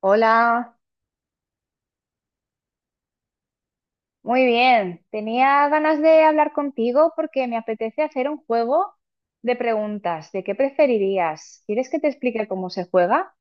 Hola, muy bien. Tenía ganas de hablar contigo porque me apetece hacer un juego de preguntas. ¿De qué preferirías? ¿Quieres que te explique cómo se juega?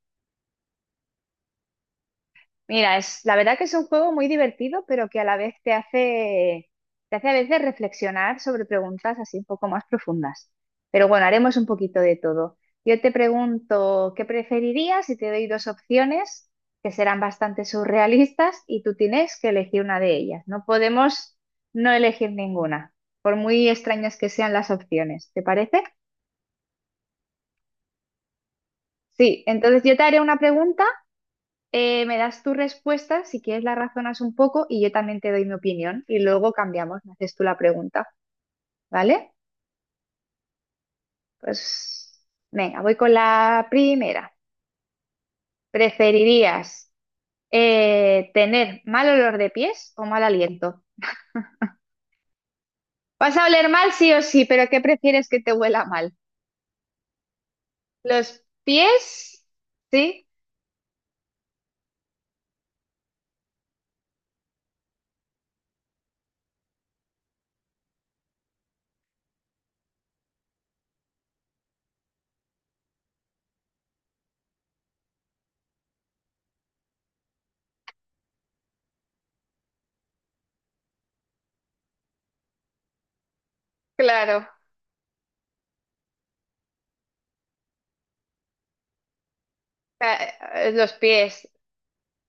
Mira, es, la verdad que es un juego muy divertido, pero que a la vez te hace a veces reflexionar sobre preguntas así un poco más profundas. Pero bueno, haremos un poquito de todo. Yo te pregunto, ¿qué preferirías? Y te doy dos opciones que serán bastante surrealistas y tú tienes que elegir una de ellas. No podemos no elegir ninguna, por muy extrañas que sean las opciones. ¿Te parece? Sí, entonces yo te haré una pregunta. Me das tu respuesta, si quieres la razonas un poco y yo también te doy mi opinión y luego cambiamos, me haces tú la pregunta, ¿vale? Pues venga, voy con la primera. ¿Preferirías tener mal olor de pies o mal aliento? Vas a oler mal sí o sí, pero ¿qué prefieres que te huela mal? ¿Los pies? Sí, claro. Los pies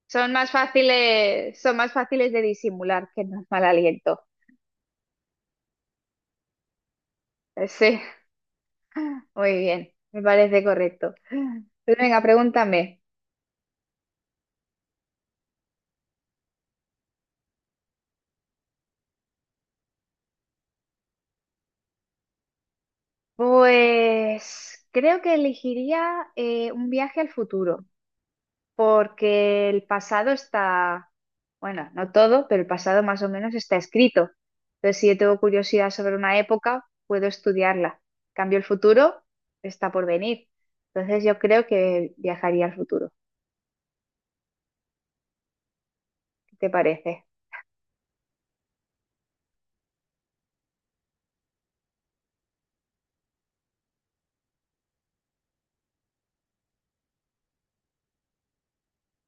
son más fáciles de disimular que el mal aliento. Sí. Muy bien, me parece correcto. Pues venga, pregúntame. Pues creo que elegiría un viaje al futuro, porque el pasado está, bueno, no todo, pero el pasado más o menos está escrito. Entonces, si yo tengo curiosidad sobre una época, puedo estudiarla. En cambio el futuro, está por venir. Entonces, yo creo que viajaría al futuro. ¿Qué te parece?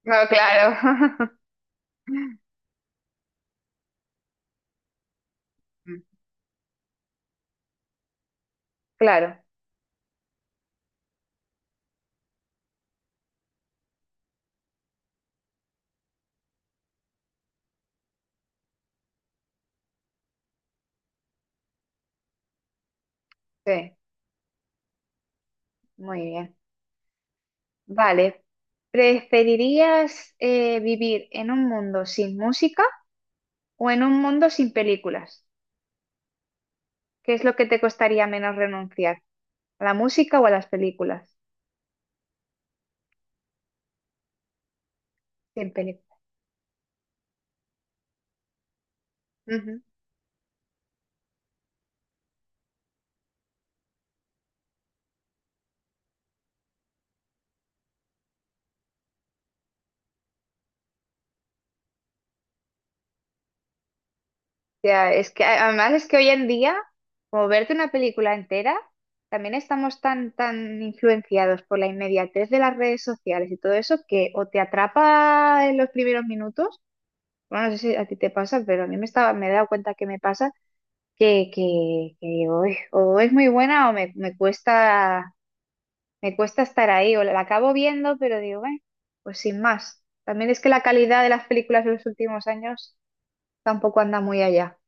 No, claro. Claro, sí, muy bien. Vale, ¿preferirías vivir en un mundo sin música o en un mundo sin películas? ¿Qué es lo que te costaría menos renunciar? ¿A la música o a las películas? Sin películas. Ujú. O sea, es que además es que hoy en día, como verte una película entera, también estamos tan influenciados por la inmediatez de las redes sociales y todo eso que o te atrapa en los primeros minutos, bueno, no sé si a ti te pasa, pero a mí me estaba, me he dado cuenta que me pasa que, que uy, o es muy buena o me cuesta estar ahí, o la acabo viendo, pero digo, bueno, pues sin más. También es que la calidad de las películas de los últimos años tampoco anda muy allá.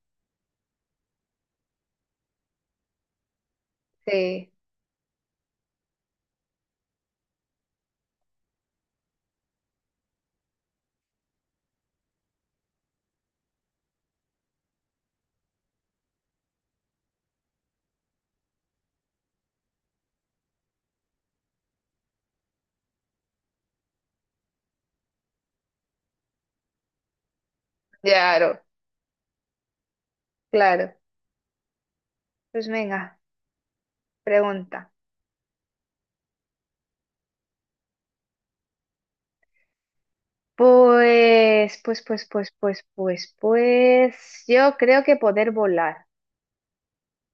Sí, claro, claro. Pues venga, pregunta. Yo creo que poder volar.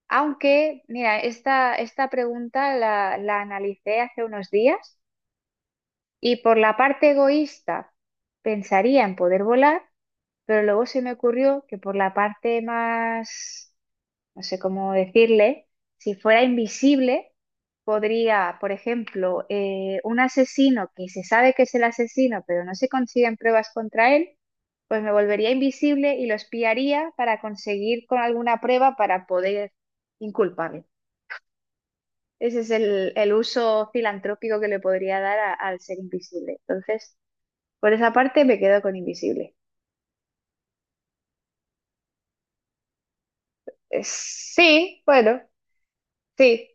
Aunque, mira, esta pregunta la analicé hace unos días. Y por la parte egoísta, pensaría en poder volar, pero luego se me ocurrió que por la parte más, no sé cómo decirle, si fuera invisible, podría, por ejemplo, un asesino que se sabe que es el asesino, pero no se consiguen pruebas contra él, pues me volvería invisible y lo espiaría para conseguir con alguna prueba para poder inculparle. Ese es el uso filantrópico que le podría dar al ser invisible. Entonces... Por esa parte me quedo con invisible. Sí, bueno, sí.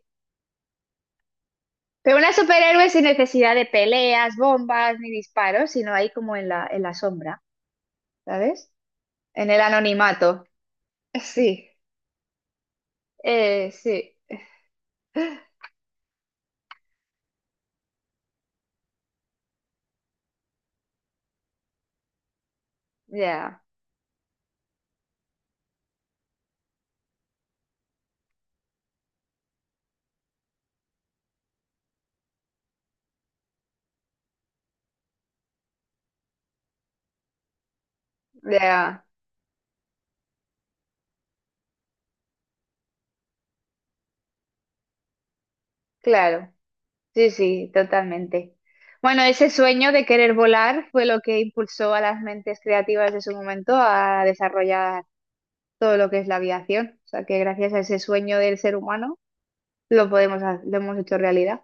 Pero una superhéroe sin necesidad de peleas, bombas ni disparos, sino ahí como en la sombra, ¿sabes? En el anonimato. Sí, sí, ya, ya, claro. Sí, sí, totalmente. Bueno, ese sueño de querer volar fue lo que impulsó a las mentes creativas de su momento a desarrollar todo lo que es la aviación. O sea que gracias a ese sueño del ser humano, lo podemos hacer, lo hemos hecho realidad,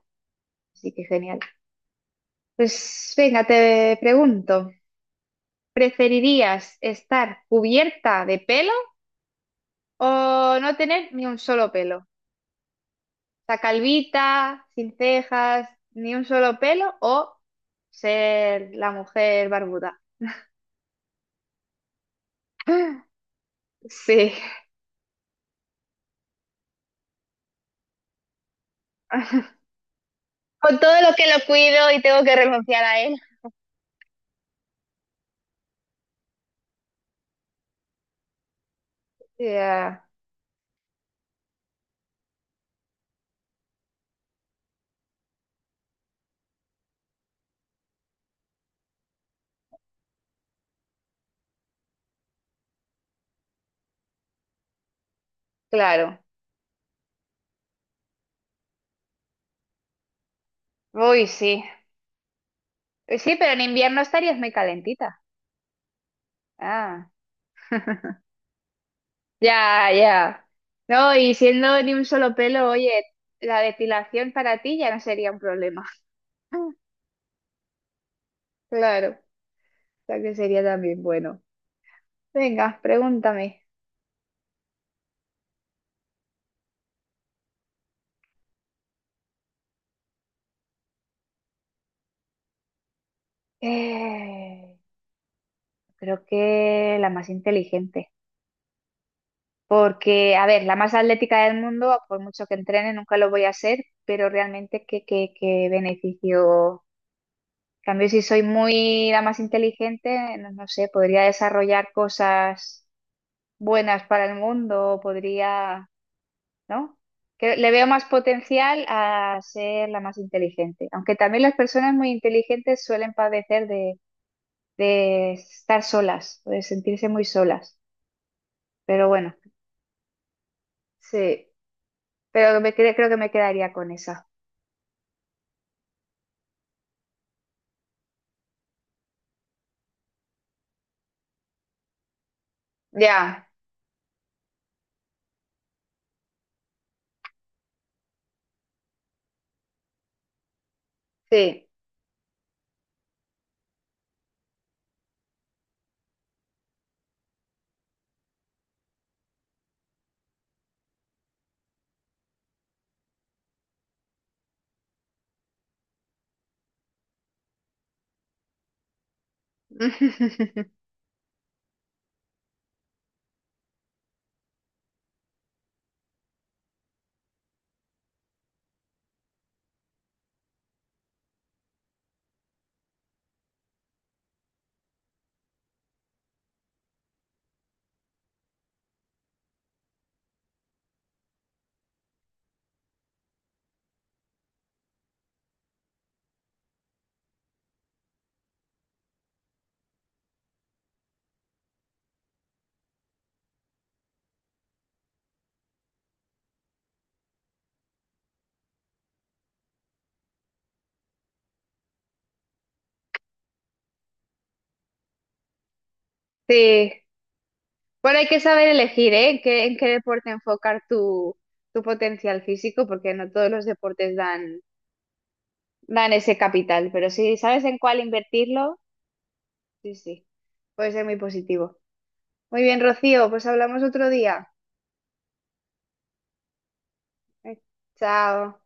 así que genial. Pues venga, te pregunto, ¿preferirías estar cubierta de pelo o no tener ni un solo pelo? O sea, calvita, sin cejas, ni un solo pelo o ser la mujer barbuda. Sí, con todo lo que lo cuido y tengo que renunciar a él. Ya, claro. Uy, sí. Sí, pero en invierno estarías muy calentita. Ah. Ya, ya. No, y siendo de un solo pelo, oye, la depilación para ti ya no sería un problema. Claro, o sea que sería también bueno. Venga, pregúntame. Eh, Creo que la más inteligente. Porque, a ver, la más atlética del mundo, por mucho que entrene, nunca lo voy a ser, pero realmente qué, qué beneficio. En cambio, si soy muy la más inteligente, no, no sé, podría desarrollar cosas buenas para el mundo, podría, ¿no? Que le veo más potencial a ser la más inteligente, aunque también las personas muy inteligentes suelen padecer de estar solas, de sentirse muy solas, pero bueno, sí, pero creo que me quedaría con esa. Ya, sí. Sí, bueno, hay que saber elegir, ¿eh? En qué deporte enfocar tu, tu potencial físico, porque no todos los deportes dan ese capital, pero si sabes en cuál invertirlo, sí, sí, puede ser muy positivo. Muy bien, Rocío, pues hablamos otro día. Eh, Chao.